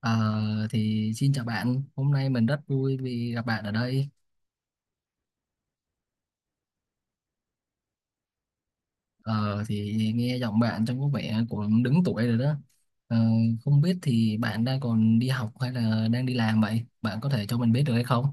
Ờ, thì xin chào bạn, hôm nay mình rất vui vì gặp bạn ở đây. Ờ, thì nghe giọng bạn trông có vẻ cũng đứng tuổi rồi đó. Ờ, không biết thì bạn đang còn đi học hay là đang đi làm vậy? Bạn có thể cho mình biết được hay không?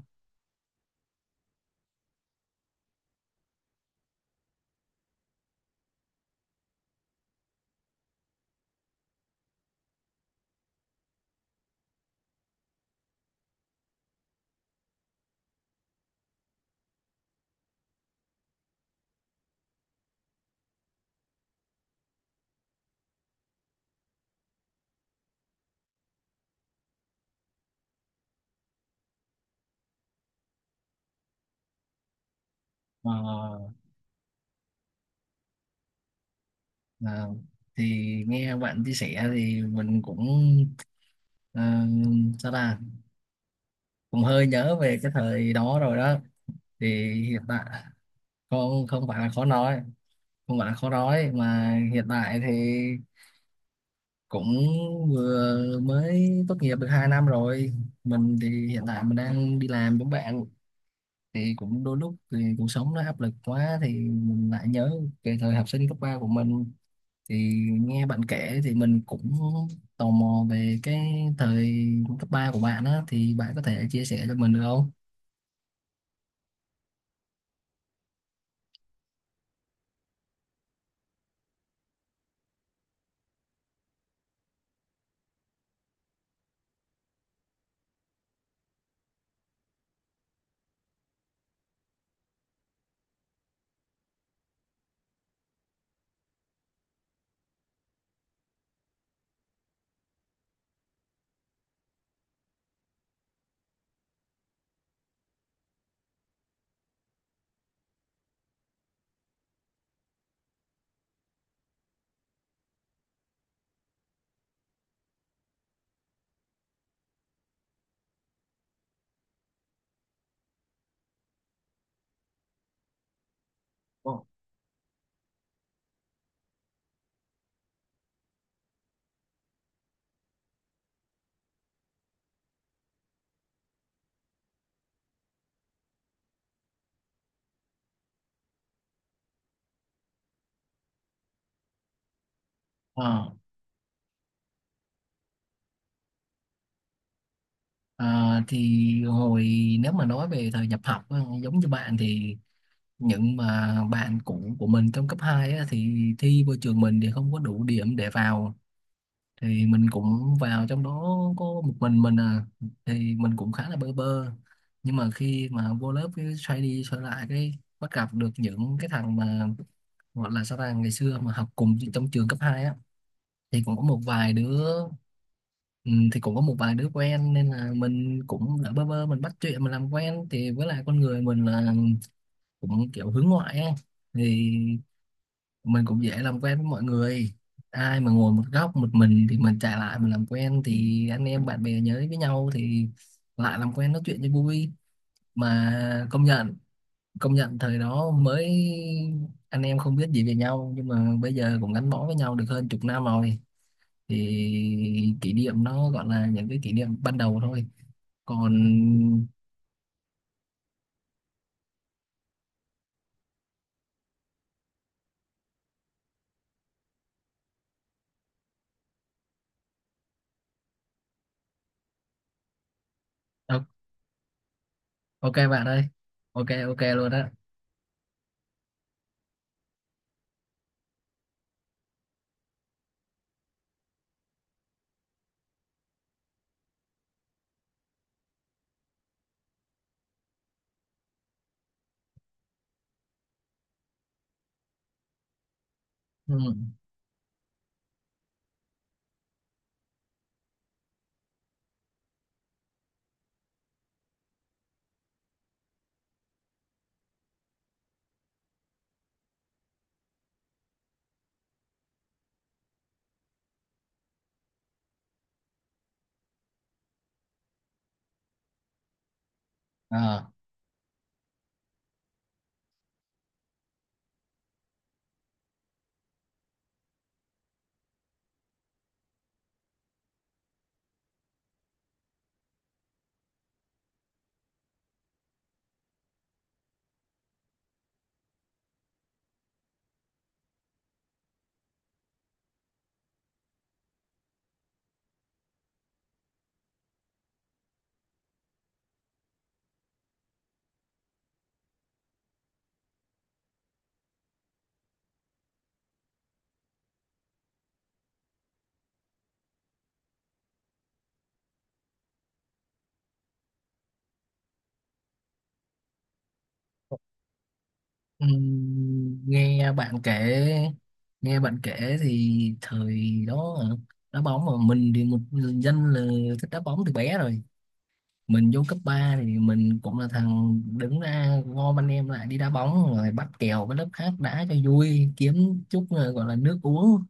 Ờ, ờ, thì nghe bạn chia sẻ thì mình cũng ờ, sao ta cũng hơi nhớ về cái thời đó rồi đó. Thì hiện tại không, không phải là khó nói, không phải là khó nói mà hiện tại thì cũng vừa mới tốt nghiệp được 2 năm rồi. Mình thì hiện tại mình đang đi làm giống bạn, thì cũng đôi lúc thì cuộc sống nó áp lực quá thì mình lại nhớ về thời học sinh cấp 3 của mình. Thì nghe bạn kể thì mình cũng tò mò về cái thời cấp 3 của bạn á, thì bạn có thể chia sẻ cho mình được không? Ồ. Ờ, à, thì nếu mà nói về thời nhập học á, giống như bạn, thì những mà bạn cũ của mình trong cấp 2 á, thì thi vô trường mình thì không có đủ điểm để vào, thì mình cũng vào trong đó có một mình à. Thì mình cũng khá là bơ vơ, nhưng mà khi mà vô lớp cái xoay đi xoay lại cái bắt gặp được những cái thằng mà gọi là sao ta ngày xưa mà học cùng trong trường cấp 2 á, thì cũng có một vài đứa. Ừ, thì cũng có một vài đứa quen nên là mình cũng đã bơ vơ mình bắt chuyện mình làm quen, thì với lại con người mình là cũng kiểu hướng ngoại ấy. Thì mình cũng dễ làm quen với mọi người, ai mà ngồi một góc một mình thì mình chạy lại mình làm quen thì anh em bạn bè nhớ với nhau thì lại làm quen nói chuyện cho vui. Mà công nhận, công nhận thời đó mới anh em không biết gì về nhau nhưng mà bây giờ cũng gắn bó với nhau được hơn chục năm rồi. Thì kỷ niệm nó gọi là những cái kỷ niệm ban đầu thôi. Còn... Ờ, ok bạn ơi. Ok, ok luôn á. Ừ. Ờ. Ừm, nghe bạn kể nghe bạn kể thì thời đó hả? Đá bóng mà mình thì một người dân là thích đá bóng từ bé rồi. Mình vô cấp 3 thì mình cũng là thằng đứng ra gom anh em lại đi đá bóng rồi bắt kèo với lớp khác đá cho vui kiếm chút gọi là nước uống.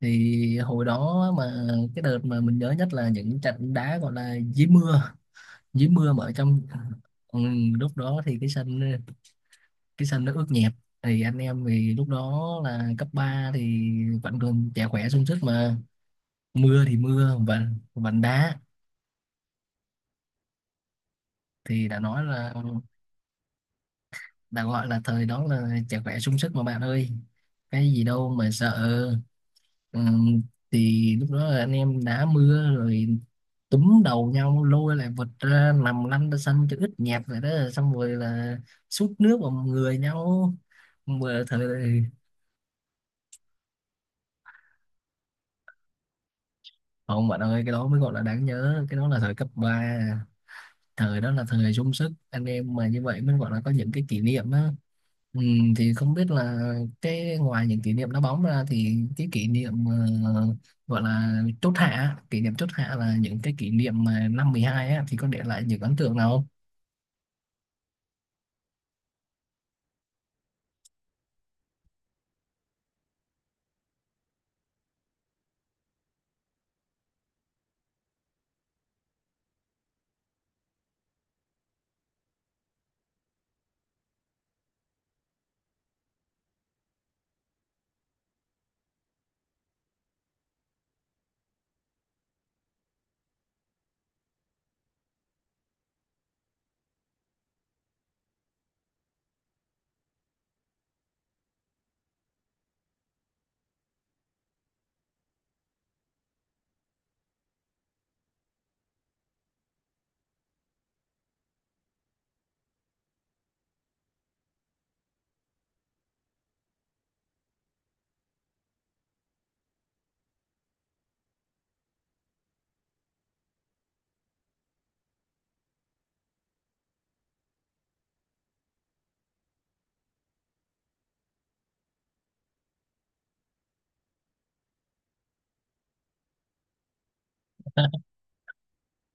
Thì hồi đó mà cái đợt mà mình nhớ nhất là những trận đá gọi là dưới mưa, dưới mưa mà ở trong... Ừ, lúc đó thì cái sân nó ướt nhẹp. Thì anh em thì lúc đó là cấp 3 thì vẫn còn trẻ khỏe sung sức mà, mưa thì mưa vành vành đá. Thì đã nói là đã gọi là thời đó là trẻ khỏe sung sức mà bạn ơi, cái gì đâu mà sợ. Ừm, thì lúc đó là anh em đá mưa rồi túm đầu nhau lôi lại vật ra nằm lăn ra sân cho ướt nhẹp vậy đó, xong rồi là sút nước vào người nhau. Vừa thời Không bạn ơi, cái đó mới gọi là đáng nhớ, cái đó là thời cấp ba, thời đó là thời sung sức, anh em mà như vậy mới gọi là có những cái kỷ niệm á. Ừ, thì không biết là cái ngoài những kỷ niệm đá bóng ra thì cái kỷ niệm ờ, gọi là chốt hạ, kỷ niệm chốt hạ là những cái kỷ niệm mà năm 12 á thì có để lại những ấn tượng nào không?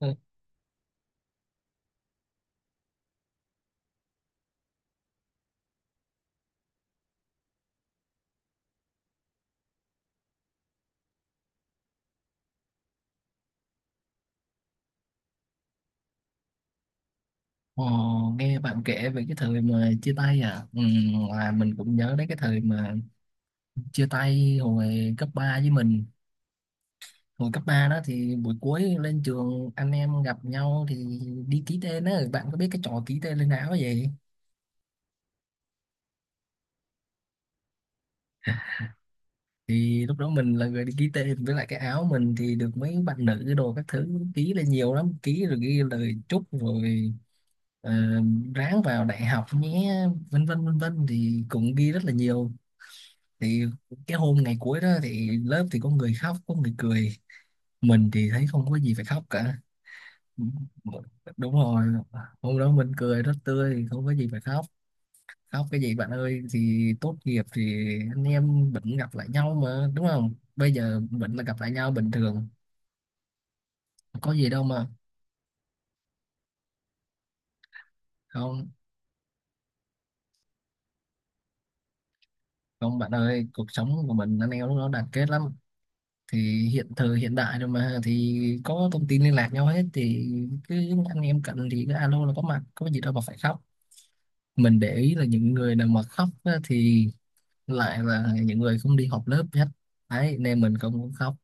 Ừ. Ồ, nghe bạn kể về cái thời mà chia tay à, ừ, là mình cũng nhớ đến cái thời mà chia tay hồi cấp ba. Với mình, hồi cấp 3 đó thì buổi cuối lên trường anh em gặp nhau thì đi ký tên á, bạn có biết cái trò ký tên lên áo vậy. Thì lúc đó mình là người đi ký tên, với lại cái áo mình thì được mấy bạn nữ đồ các thứ ký lên nhiều lắm, ký rồi ghi lời chúc rồi ờ, ráng vào đại học nhé, vân vân vân vân, thì cũng ghi rất là nhiều. Thì cái hôm ngày cuối đó thì lớp thì có người khóc có người cười, mình thì thấy không có gì phải khóc cả. Đúng rồi, hôm đó mình cười rất tươi không có gì phải khóc. Khóc cái gì bạn ơi, thì tốt nghiệp thì anh em vẫn gặp lại nhau mà đúng không, bây giờ vẫn là gặp lại nhau bình thường. Có gì đâu mà... Không, không bạn ơi, cuộc sống của mình anh em lúc đó đoàn kết lắm. Thì hiện thời hiện đại rồi mà thì có thông tin liên lạc nhau hết thì cứ anh em cần thì cứ alo là có mặt, có gì đâu mà phải khóc. Mình để ý là những người nào mà khóc á, thì lại là những người không đi học lớp hết đấy, nên mình cũng muốn khóc.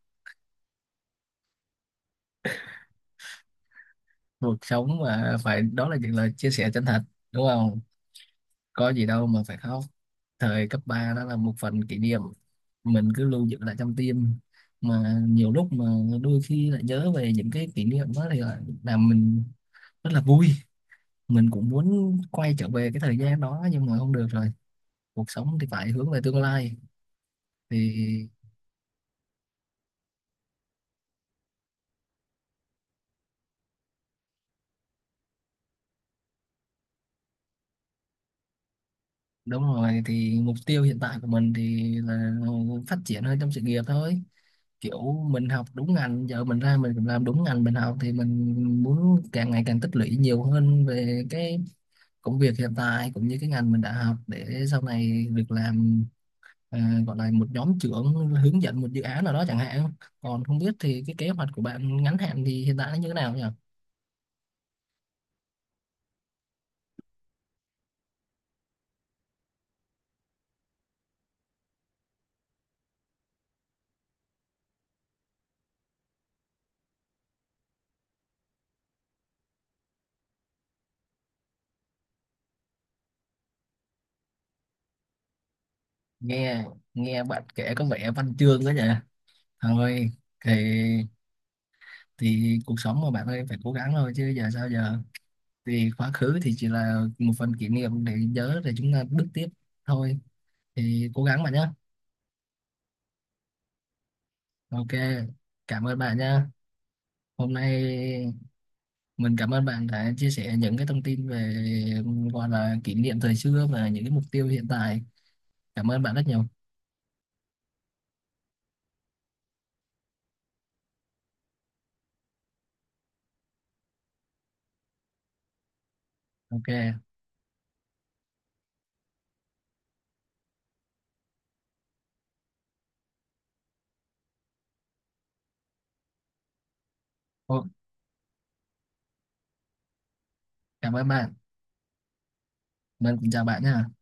Cuộc sống mà phải, đó là những lời chia sẻ chân thật đúng không, có gì đâu mà phải khóc. Thời cấp 3 đó là một phần kỷ niệm mình cứ lưu giữ lại trong tim, mà nhiều lúc mà đôi khi lại nhớ về những cái kỷ niệm đó thì là làm mình rất là vui. Mình cũng muốn quay trở về cái thời gian đó nhưng mà không được rồi, cuộc sống thì phải hướng về tương lai. Thì đúng rồi, thì mục tiêu hiện tại của mình thì là phát triển hơn trong sự nghiệp thôi, kiểu mình học đúng ngành giờ mình ra mình cũng làm đúng ngành mình học. Thì mình muốn càng ngày càng tích lũy nhiều hơn về cái công việc hiện tại cũng như cái ngành mình đã học để sau này được làm, à, gọi là một nhóm trưởng hướng dẫn một dự án nào đó chẳng hạn. Còn không biết thì cái kế hoạch của bạn ngắn hạn thì hiện tại nó như thế nào nhỉ? Nghe nghe bạn kể có vẻ văn chương quá nhỉ. Thôi thì cuộc sống mà bạn ơi phải cố gắng thôi chứ giờ sao giờ. Thì quá khứ thì chỉ là một phần kỷ niệm để nhớ để chúng ta bước tiếp thôi, thì cố gắng bạn nhé. Ok, cảm ơn bạn nha. Hôm nay mình cảm ơn bạn đã chia sẻ những cái thông tin về gọi là kỷ niệm thời xưa và những cái mục tiêu hiện tại, cảm ơn bạn rất nhiều. Ok. Ô, cảm ơn bạn. Mình cũng chào bạn nha.